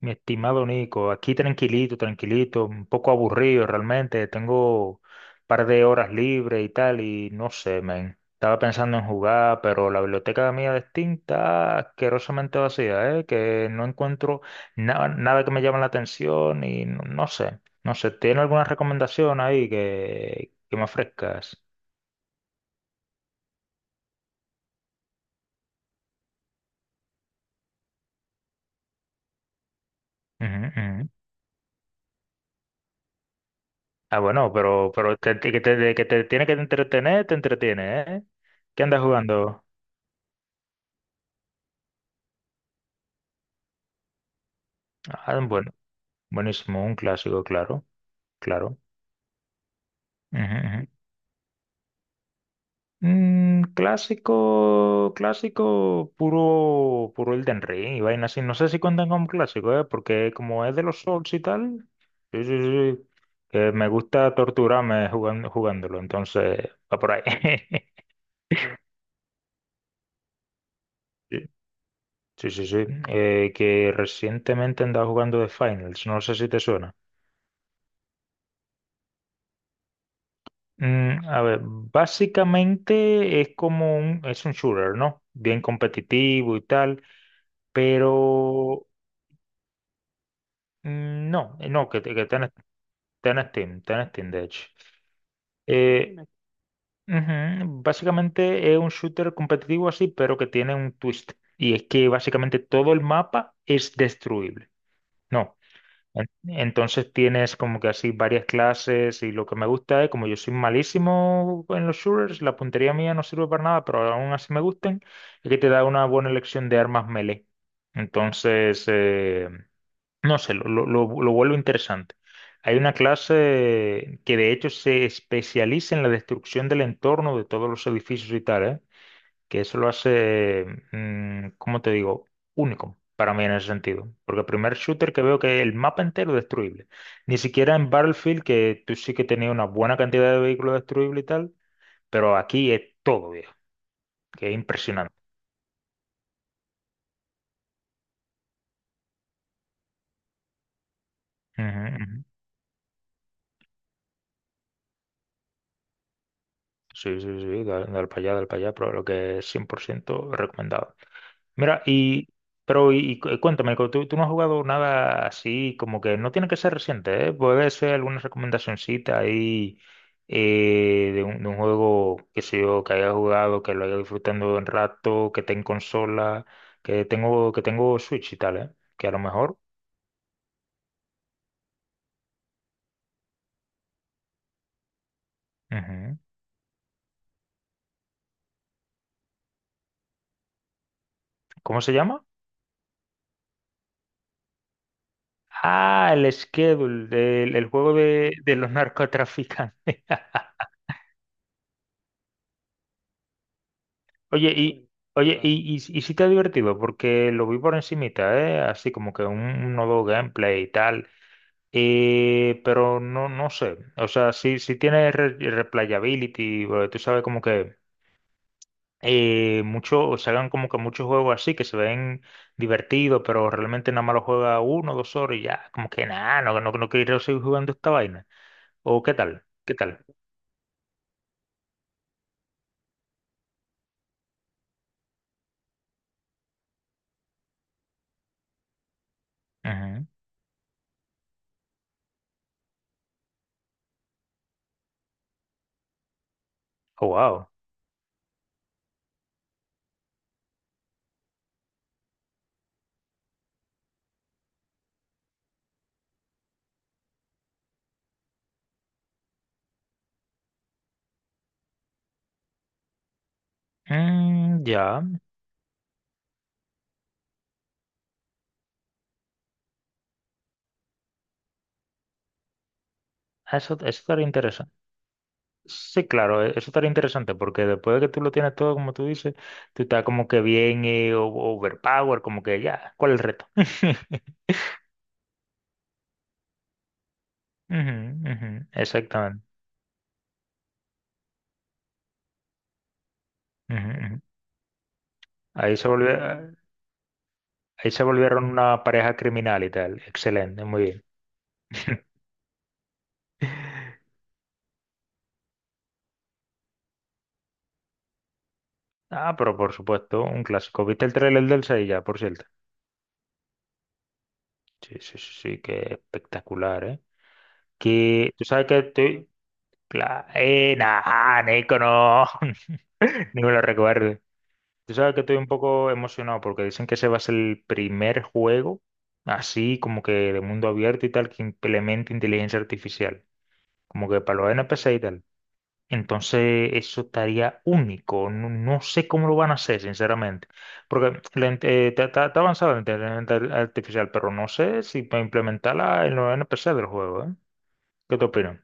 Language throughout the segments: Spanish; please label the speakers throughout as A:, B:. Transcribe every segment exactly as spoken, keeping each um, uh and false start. A: Mi estimado Nico, aquí tranquilito, tranquilito, un poco aburrido realmente, tengo un par de horas libres y tal, y no sé, men. Estaba pensando en jugar, pero la biblioteca mía de Steam está asquerosamente vacía, ¿eh? Que no encuentro na- nada que me llame la atención y no, no sé, no sé, ¿tiene alguna recomendación ahí que, que me ofrezcas? Ujú, ujú. Ah, bueno, pero, pero que te, que te, que te tiene que entretener, te entretiene, ¿eh? ¿Qué andas jugando? Ah, bueno. Buenísimo, un clásico, claro, claro. Ujú, ujú. Mm, clásico, clásico, puro, puro Elden Ring y vaina así. No sé si cuentan como clásico, ¿eh? Porque como es de los Souls y tal, sí, sí, sí, sí, que me gusta torturarme jugando, jugándolo, entonces va por ahí. Sí, sí, sí. Sí. Eh, que recientemente andaba jugando The Finals, no sé si te suena. Mm, a ver, básicamente es como un, es un shooter, ¿no? Bien competitivo y tal. Però mm, no, eh, no, que, te- que está en Steam, está en Steam, de hecho. Eh, ujú. Básicamente es un shooter competitivo así, pero que tiene un twist. Y es que básicamente todo el mapa es destruible. No. en- Entonces tienes como que así varias clases y lo que me gusta es, como yo soy malísimo en los shooters, la puntería mía no sirve para nada, pero aún así me gustan, es que te da una buena elección de armas melee. Entonces, eh, no sé, lo, lo, lo- lo vuelvo interesante. Hay una clase que de hecho se especializa en la destrucción del entorno de todos los edificios y tal, ¿eh? Que eso lo hace, mm, ¿cómo te digo? Único para mí en ese sentido. Porque el primer shooter que veo que el mapa entero es destruible. Ni siquiera en Battlefield, que tú sí que tenías una buena cantidad de vehículos destruibles y tal, pero aquí es todo, viejo, que es impresionante. Ujú, ujú. Sí, sí, sí, dale, para allá, dale para allá, pero lo que es cien por ciento recomendado. Mira, y, pero y, y cuéntame, cu- ¿tú, tú no has jugado nada así, como que no tiene que ser reciente, ¿eh? Puede ser alguna recomendacioncita ahí eh, de un, de un juego, que sé yo, que haya jugado, que lo haya disfrutando un rato, que esté en consola, que tengo, que tengo Switch y tal, ¿eh? Que a lo mejor. Ujú. ¿Cómo se llama? Ah, el Schedule, el, el juego de, de los narcotraficantes. Oye, y, oye, claro. y, y, y sí te ha divertido, porque lo vi por encimita, ¿eh? Así como que un, un nuevo gameplay y tal. Eh, pero no, no sé. O sea, sí, sí tiene re- replayability, eh, tú sabes como que eh, mucho, o se hagan como que muchos juegos así que se ven divertidos, pero realmente nada más lo juega uno, o dos horas y ya, como que nada, no, no, no quiero seguir jugando esta vaina. ¿O qué tal? ¿Qué tal? Ujú. Oh, wow. Mm, ya, eso, eso estaría interesante. Sí, claro, e- eso estaría interesante porque después de que tú lo tienes todo, como tú dices, tú estás como que bien eh, o- overpower, como que ya, ¿cuál es el reto? Ujú, ujú, exactamente. Ujú, ujú. Ahí se volvió, ahí se volvieron una pareja criminal y tal. Excelente, muy bien. Ah, pero por supuesto, un clásico. ¿Viste el trailer del seis ya, por cierto? Sí, sí, sí, sí, que espectacular, ¿eh? Que tú sabes que estoy... Cla- Eh, nah, Nico, no. Ni me lo recuerdo. Tú sabes que estoy un poco emocionado porque dicen que ese va a ser el primer juego, así como que de mundo abierto y tal, que implemente inteligencia artificial, como que para los N P C y tal. Entonces, eso estaría único. No, no sé cómo lo van a hacer, sinceramente. Porque la int- eh, está está- está avanzada la inteligencia artificial, pero no sé si para implementarla en los N P C del juego, ¿eh? ¿Qué te opinas?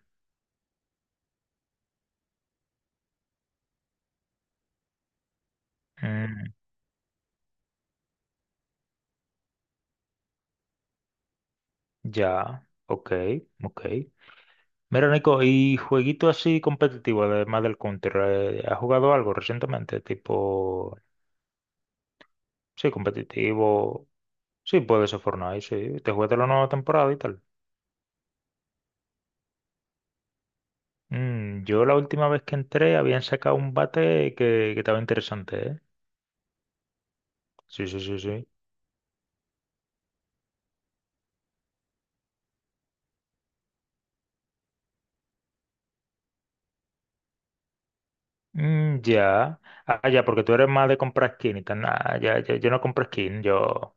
A: Mm, ya, ok, ok. Mira, Nico, y jueguito así competitivo, además del Counter, eh, ¿has jugado algo recientemente? Tipo, sí, competitivo. Sí, puede ser Fortnite, sí. Te jugaste la nueva temporada y tal. Mm, yo la última vez que entré habían sacado un bate que, que estaba interesante, ¿eh? Sí, sí, sí, sí. Mm, ya. Ah, ya, porque tú eres más de comprar skin y tal. Nah, ya, ya, yo no compro skin, yo.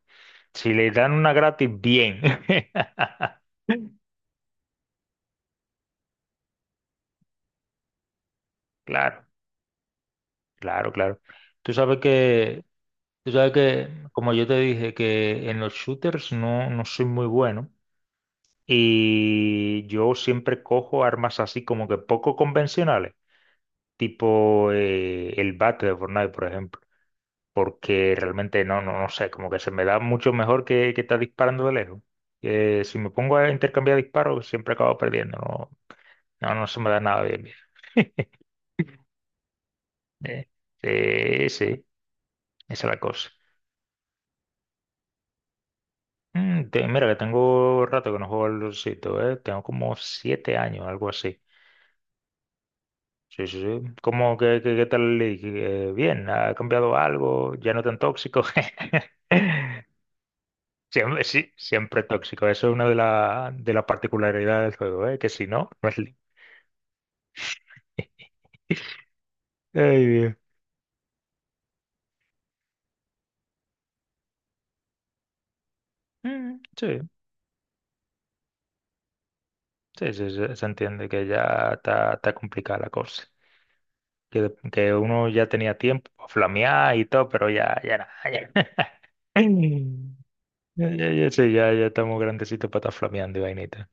A: Si le dan una gratis, bien. Claro, claro, claro. Tú sabes que Tú sabes que, como yo te dije, que en los shooters no, no soy muy bueno y yo siempre cojo armas así como que poco convencionales, tipo eh, el bate de Fortnite, por ejemplo, porque realmente no, no, no sé, como que se me da mucho mejor que, que estar disparando de lejos. Eh, si me pongo a intercambiar disparos, siempre acabo perdiendo, no, no, no se me da nada bien bien. Eh, sí, sí, esa es la cosa. Mm, te- mira, que tengo rato que no juego al LOLcito, ¿eh? Tengo como siete años, algo así. Sí, sí, sí. ¿Cómo que, que- qué tal el league? Eh, bien, ¿ha cambiado algo? ¿Ya no tan tóxico? Siempre, sí, siempre tóxico. Eso es una de, la, de las particularidades del juego, ¿eh? Que si no, no es league. Ay, Dios. Mm, sí, sí, sí, sí, se entiende que ya está, está complicada la cosa. Que, que uno ya tenía tiempo para flamear y todo, pero ya, ya nada, ya. Ya, ya, ya, sí, ya, ya estamos grandecitos para estar flameando y vainita.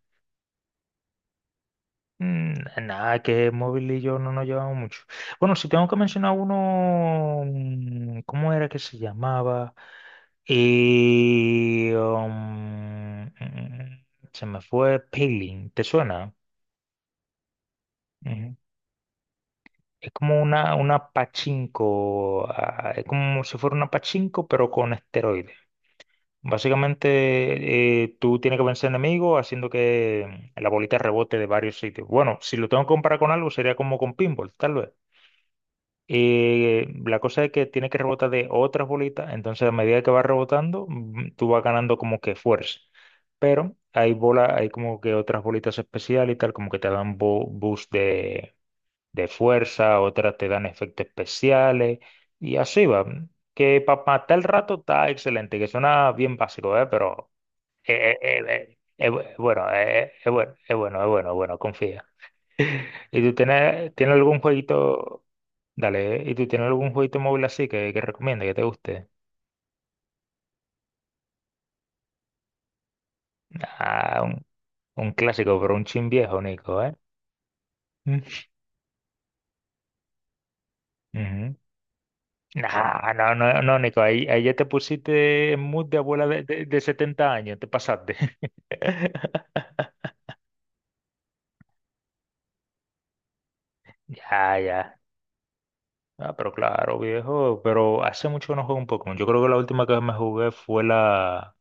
A: Mm, nada, que móvil y yo no nos llevamos mucho. Bueno, si tengo que mencionar uno, mm, ¿cómo era que se llamaba? Y um, mm, se me fue Paylin, ¿te suena? Ujú. Es como una, una pachinko, ah, es como si fuera una pachinko, pero con esteroides. Básicamente, eh, tú tienes que vencer enemigos haciendo que la bolita rebote de varios sitios. Bueno, si lo tengo que comparar con algo, sería como con pinball, tal vez. Eh, la cosa es que tiene que rebotar de otras bolitas, entonces a medida que va rebotando, mm, tú vas ganando como que fuerza. Pero hay bolas, hay como que otras bolitas especiales y tal, como que te dan bo- boost de, de fuerza, otras te dan efectos especiales y así va. Que para matar el rato está excelente, que suena bien básico, ¿eh? Pero eh, eh, eh, eh, bu- bueno, eh, es bueno, es bueno, es bueno, es bueno, confía. ¿Y tú tienes, tienes algún jueguito? Dale, ¿y tú tienes algún jueguito móvil así que, que recomiendas, que te guste? Ah, un, un clásico, pero un chin viejo, Nico, ¿eh? Mm. Ujú. Nah, no, no, no, Nico, ahí, ahí ya te pusiste en mood de abuela de, de, de setenta años, te pasaste. Ya, ya. Ah, pero claro, viejo, pero hace mucho que no juego un Pokémon. Yo creo que la última que me jugué fue la,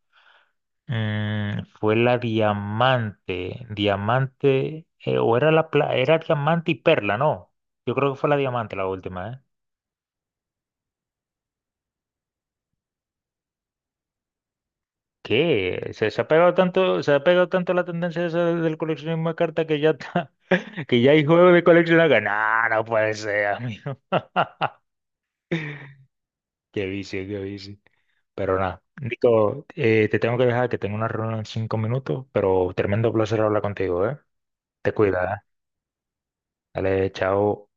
A: mm, fue la diamante, diamante, eh, o era la pla- era diamante y perla, ¿no? Yo creo que fue la diamante la última, ¿eh? ¿Qué? Se, se ha pegado tanto, se ha pegado tanto la tendencia esa de- del coleccionismo de cartas que ya está, que ya hay juegos de coleccionar que no, no puede ser, amigo. Qué vicio, qué vicio. Pero nada, Nico, eh, te tengo que dejar que tengo una reunión en cinco minutos, pero tremendo placer hablar contigo, ¿eh? Te cuida, ¿eh? Dale, chao.